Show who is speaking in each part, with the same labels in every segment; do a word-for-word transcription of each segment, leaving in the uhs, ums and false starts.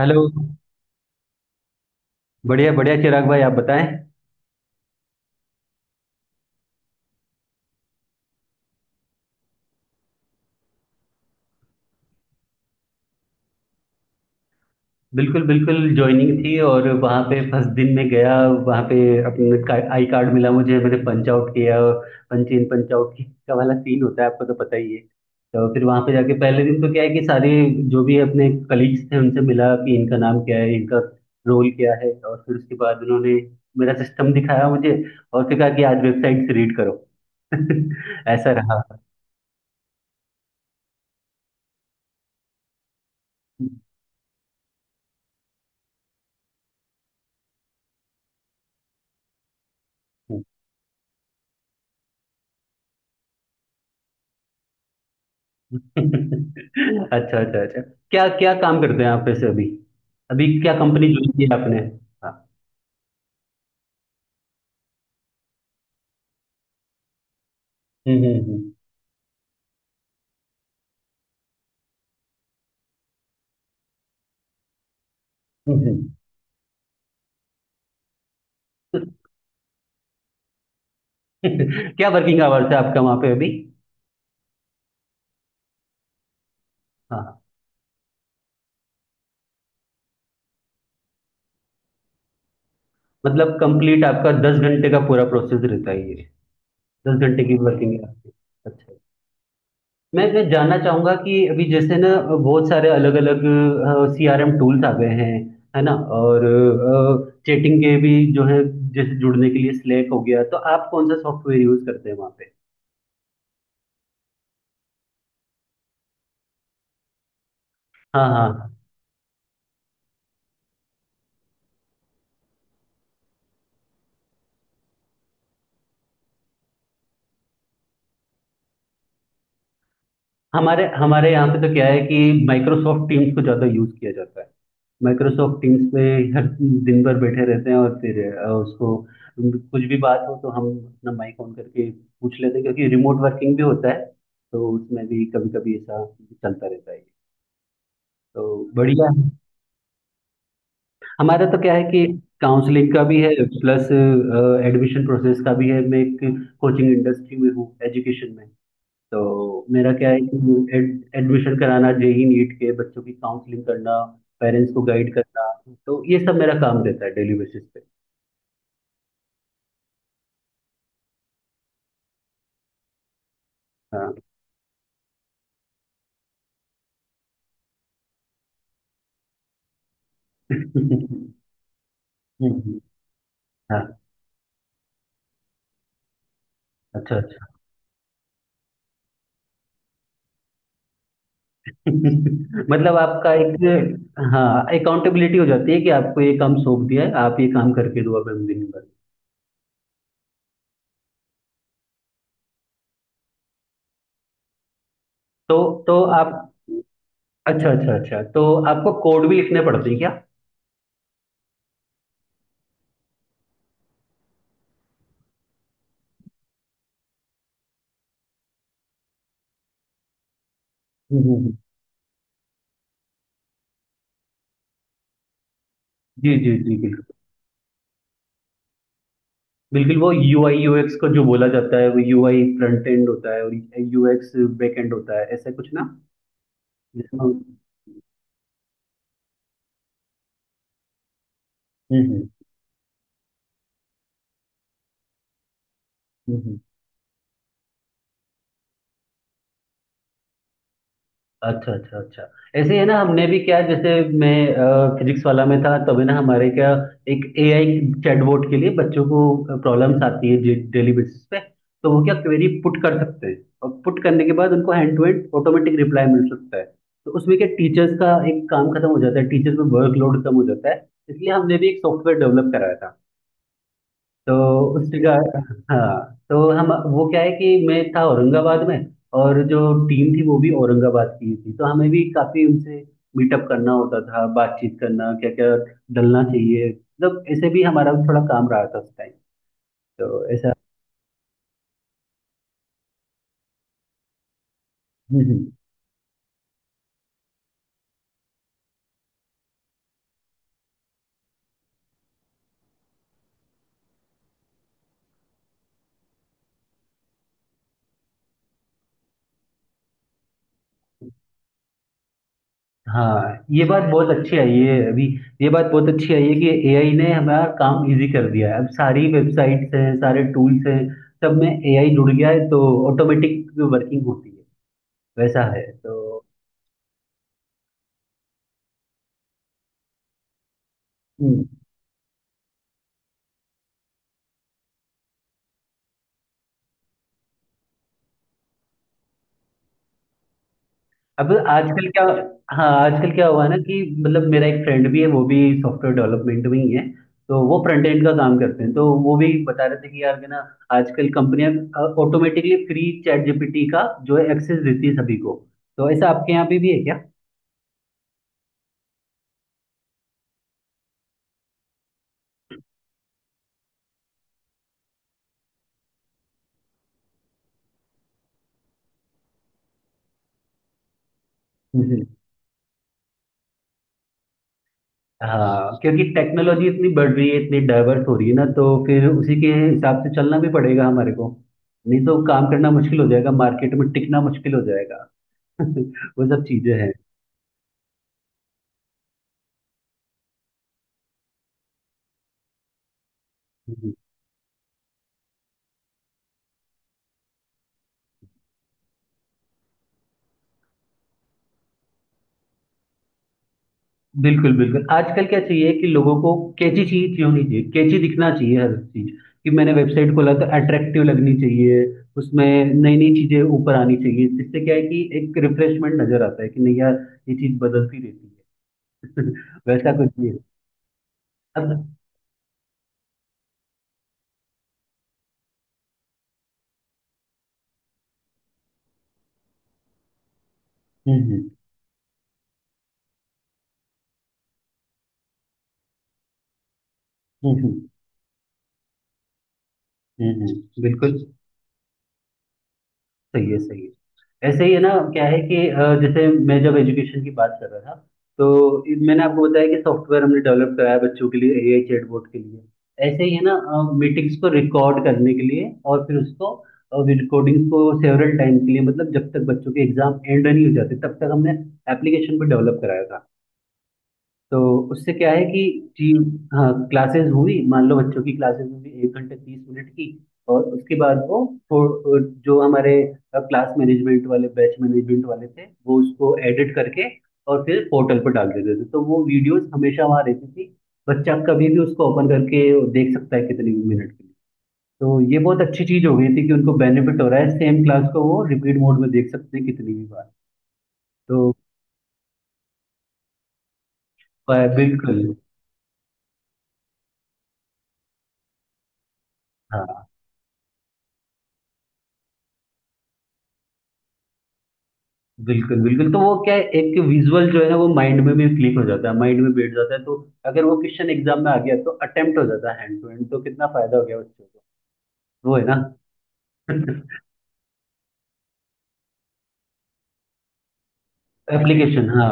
Speaker 1: Hello. बढ़िया बढ़िया, चिराग भाई, आप बताएं। बिल्कुल बिल्कुल ज्वाइनिंग थी, और वहाँ पे फर्स्ट दिन में गया। वहाँ पे अपने का, आई कार्ड मिला मुझे, मैंने पंच आउट किया। पंच इन पंच आउट का वाला सीन होता है, आपको तो पता ही है। तो फिर वहाँ पे जाके पहले दिन तो क्या है कि सारे जो भी अपने कलीग्स थे उनसे मिला कि इनका नाम क्या है, इनका रोल क्या है। और फिर उसके बाद उन्होंने मेरा सिस्टम दिखाया मुझे, और फिर कहा कि आज वेबसाइट से रीड करो। ऐसा रहा। अच्छा अच्छा अच्छा। क्या क्या काम करते हैं आप वैसे अभी? अभी क्या कंपनी ज्वाइन की है आपने? हाँ। हम्म हम्म। हम्म, हम्म। क्या वर्किंग आवर्स है आपका वहाँ पे अभी? हाँ हाँ। मतलब कंप्लीट आपका दस घंटे का पूरा प्रोसेस रहता है ये? दस घंटे की वर्किंग है आपकी? अच्छा। मैं मैं जानना चाहूंगा कि अभी जैसे ना बहुत सारे अलग अलग सी आर एम टूल्स आ गए हैं, है ना? और चैटिंग के भी जो है, जैसे जुड़ने के लिए स्लैक हो गया, तो आप कौन सा सॉफ्टवेयर यूज करते हैं वहाँ? हाँ हाँ। हमारे हमारे यहाँ पे तो क्या है कि माइक्रोसॉफ्ट टीम्स को ज़्यादा यूज़ किया जाता है। माइक्रोसॉफ्ट टीम्स में हर दिन भर बैठे रहते हैं, और फिर अ, उसको कुछ भी बात हो तो हम अपना माइक ऑन करके पूछ लेते हैं, क्योंकि रिमोट वर्किंग भी होता है। तो उसमें भी कभी कभी ऐसा चलता रहता है। तो बढ़िया है। हमारा तो क्या है कि काउंसलिंग का भी है, प्लस एडमिशन प्रोसेस का भी है। मैं एक कोचिंग इंडस्ट्री में हूँ, एजुकेशन में। तो मेरा क्या है कि एडमिशन कराना, जेई नीट के बच्चों की काउंसलिंग करना, पेरेंट्स को गाइड करना। तो ये सब मेरा काम रहता है डेली बेसिस पे। हाँ। हाँ, अच्छा अच्छा। मतलब आपका एक, हाँ, अकाउंटेबिलिटी हो जाती है कि आपको ये काम सौंप दिया है, आप ये काम करके दो। अब हम दिन भर, तो तो आप, अच्छा अच्छा अच्छा। तो आपको कोड भी लिखने पड़ते हैं क्या? हम्म, हम्म, हम्म। जी जी जी, बिल्कुल। बिल्कुल, वो यूआई यूएक्स को जो बोला जाता है, वो यूआई फ्रंट एंड होता है, और यूएक्स बैक एंड होता है, ऐसा कुछ ना? जिसमें हम्म। हम्म हम्म, हम्म। अच्छा अच्छा अच्छा। ऐसे ही है ना, हमने भी क्या, जैसे मैं फिजिक्स वाला में था तभी ना, हमारे क्या एक एआई चैटबॉट के लिए बच्चों को प्रॉब्लम्स आती है डेली बेसिस पे, तो वो क्या क्वेरी पुट कर सकते हैं, और पुट करने के बाद उनको hand to hand automatic reply मिल सकता है। तो उसमें क्या टीचर्स का एक काम खत्म हो जाता है, टीचर्स में वर्कलोड कम हो जाता है, इसलिए हमने भी एक सॉफ्टवेयर डेवलप कराया था। तो उस जगह, हाँ, तो हम वो क्या है कि मैं था औरंगाबाद में, और जो टीम थी वो भी औरंगाबाद की ही थी, तो हमें भी काफी उनसे मीटअप करना होता था, बातचीत करना क्या क्या डलना चाहिए, मतलब ऐसे भी हमारा थोड़ा काम रहा था उस टाइम। तो ऐसा। हम्म, हम्म। हाँ, ये बात बहुत अच्छी आई है अभी। ये बात बहुत अच्छी आई है कि एआई ने हमारा काम इजी कर दिया है, अब सारी वेबसाइट्स हैं, सारे टूल्स हैं, सब में एआई जुड़ गया है, तो ऑटोमेटिक वर्किंग होती है, वैसा है तो। हम्म। अब आजकल क्या, हाँ, आजकल क्या हुआ ना कि मतलब मेरा एक फ्रेंड भी है वो भी सॉफ्टवेयर डेवलपमेंट में ही है, तो वो फ्रंट एंड का काम करते हैं, तो वो भी बता रहे थे कि यार कि ना आजकल कंपनियां ऑटोमेटिकली फ्री चैट जीपीटी का जो है एक्सेस देती है सभी को, तो ऐसा आपके यहाँ पे भी है क्या? हम्म। हाँ, क्योंकि टेक्नोलॉजी इतनी बढ़ रही है, इतनी डाइवर्स हो रही है ना, तो फिर उसी के हिसाब से चलना भी पड़ेगा हमारे को, नहीं तो काम करना मुश्किल हो जाएगा, मार्केट में टिकना मुश्किल हो जाएगा। वो सब चीजें हैं। बिल्कुल, बिल्कुल। आजकल क्या चाहिए कि लोगों को कैची चीज़ होनी चाहिए, कैची दिखना चाहिए हर चीज़, कि मैंने वेबसाइट खोला तो अट्रैक्टिव लगनी चाहिए, उसमें नई-नई चीज़ें ऊपर आनी चाहिए, जिससे क्या है कि एक रिफ्रेशमेंट नज़र आता है कि नहीं यार, ये चीज़ बदलती रहती है। वैसा कुछ नहीं है। अब। हुँ, हुँ। हुँ, हुँ। हुँ, हुँ। बिल्कुल, सही है, सही है। ऐसे ही है ना, क्या है कि अ, जैसे मैं जब एजुकेशन की बात कर रहा था, तो इ- मैंने आपको बताया कि सॉफ्टवेयर हमने डेवलप कराया बच्चों के लिए, एआई चैटबॉट के लिए। ऐसे ही है ना मीटिंग्स को रिकॉर्ड करने के लिए, और फिर उसको रिकॉर्डिंग्स को सेवरल टाइम के लिए, मतलब जब तक बच्चों के एग्जाम एंड नहीं हो जाते तब तक हमने एप्लीकेशन को डेवलप कराया था। तो उससे क्या है कि टीम, हाँ, क्लासेस हुई, मान लो बच्चों की क्लासेस हुई एक घंटे तीस मिनट की, और उसके बाद वो थो- जो हमारे क्लास मैनेजमेंट वाले, बैच मैनेजमेंट वाले थे, वो उसको एडिट करके और फिर पोर्टल पर डाल देते थे। तो वो वीडियोस हमेशा वहाँ रहती थी, बच्चा कभी भी उसको ओपन करके देख सकता है कितने भी मिनट के लिए। तो ये बहुत अच्छी चीज हो गई थी कि उनको बेनिफिट हो रहा है, सेम क्लास को वो रिपीट मोड में देख सकते हैं कितनी भी बार। तो अ, बिल्कुल। हाँ, बिल्कुल बिल्कुल, तो वो क्या है एक विजुअल जो है ना वो माइंड में भी क्लिक हो जाता है, माइंड में बैठ जाता है, तो अगर वो क्वेश्चन एग्जाम में आ गया तो अटेम्प्ट हो जाता है हैंड टू हैंड, तो कितना फायदा हो गया बच्चों को। वो है ना एप्लीकेशन। हाँ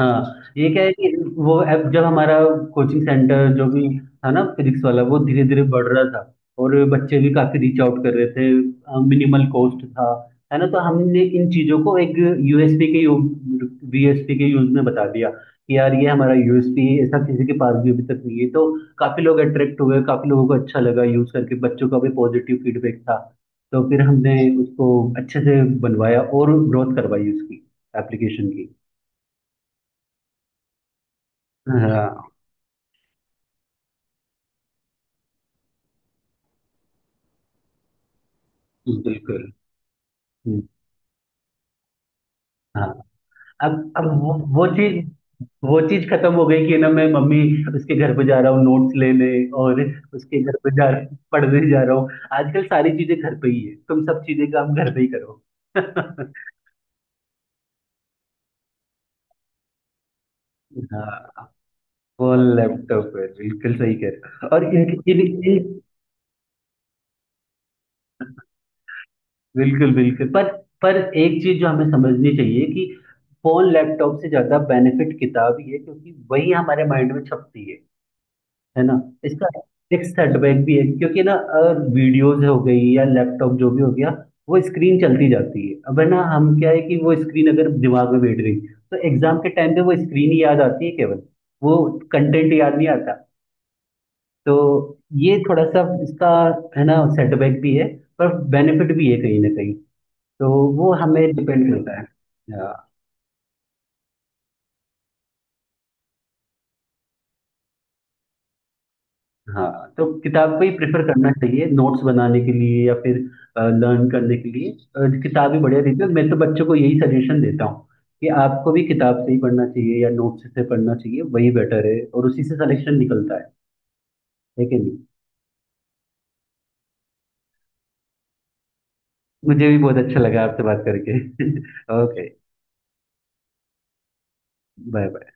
Speaker 1: हाँ, ये क्या है कि वो ऐप जब हमारा कोचिंग सेंटर जो भी था ना, फिजिक्स वाला, वो धीरे धीरे बढ़ रहा था, और बच्चे भी काफी रीच आउट कर रहे थे, मिनिमल कॉस्ट था, है ना, तो हमने इन चीजों को एक यूएसपी के, वीएसपी के यूज में बता दिया कि यार ये हमारा यूएसपी है, ऐसा किसी के पास भी अभी तक नहीं है, तो काफी लोग अट्रैक्ट हुए, काफी लोगों को अच्छा लगा यूज करके, बच्चों का भी पॉजिटिव फीडबैक था, तो फिर हमने उसको अच्छे से बनवाया, और ग्रोथ करवाई उसकी एप्लीकेशन की। हाँ। बिल्कुल। हाँ, अब अब वो वो चीज वो चीज खत्म हो गई कि ना मैं मम्मी उसके घर पे जा रहा हूँ नोट्स लेने, और उसके घर पे जा पढ़ने जा रहा हूँ। आजकल सारी चीजें घर पे ही है, तुम सब चीजें काम घर पे ही करो। हाँ, वो लैपटॉप है, बिल्कुल सही कह रहे हो। और इन, इन, इन- बिल्कुल बिल्कुल, पर पर एक चीज जो हमें समझनी चाहिए कि फोन लैपटॉप से ज्यादा बेनिफिट किताब ही है, क्योंकि वही हमारे माइंड में छपती है है ना? इसका एक सेटबैक भी है क्योंकि ना वीडियोस हो गई या लैपटॉप जो भी हो गया, वो स्क्रीन चलती जाती है। अब है ना हम क्या है कि वो स्क्रीन अगर दिमाग में बैठ गई तो एग्जाम के टाइम पे वो स्क्रीन ही याद आती है केवल, वो कंटेंट याद नहीं आता। तो ये थोड़ा सा इसका है ना सेटबैक भी है, पर बेनिफिट भी है कहीं ना कहीं। तो वो हमें डिपेंड करता है। Yeah. हाँ, तो किताब को ही प्रेफर करना चाहिए नोट्स बनाने के लिए या फिर लर्न करने के लिए। अ, किताब ही बढ़िया रहती है, मैं तो बच्चों को यही सजेशन देता हूँ कि आपको भी किताब से ही पढ़ना चाहिए या नोट्स से पढ़ना चाहिए, वही बेटर है, और उसी से सिलेक्शन निकलता है है कि नहीं? मुझे भी बहुत अच्छा लगा आपसे बात करके। ओके। Bye bye.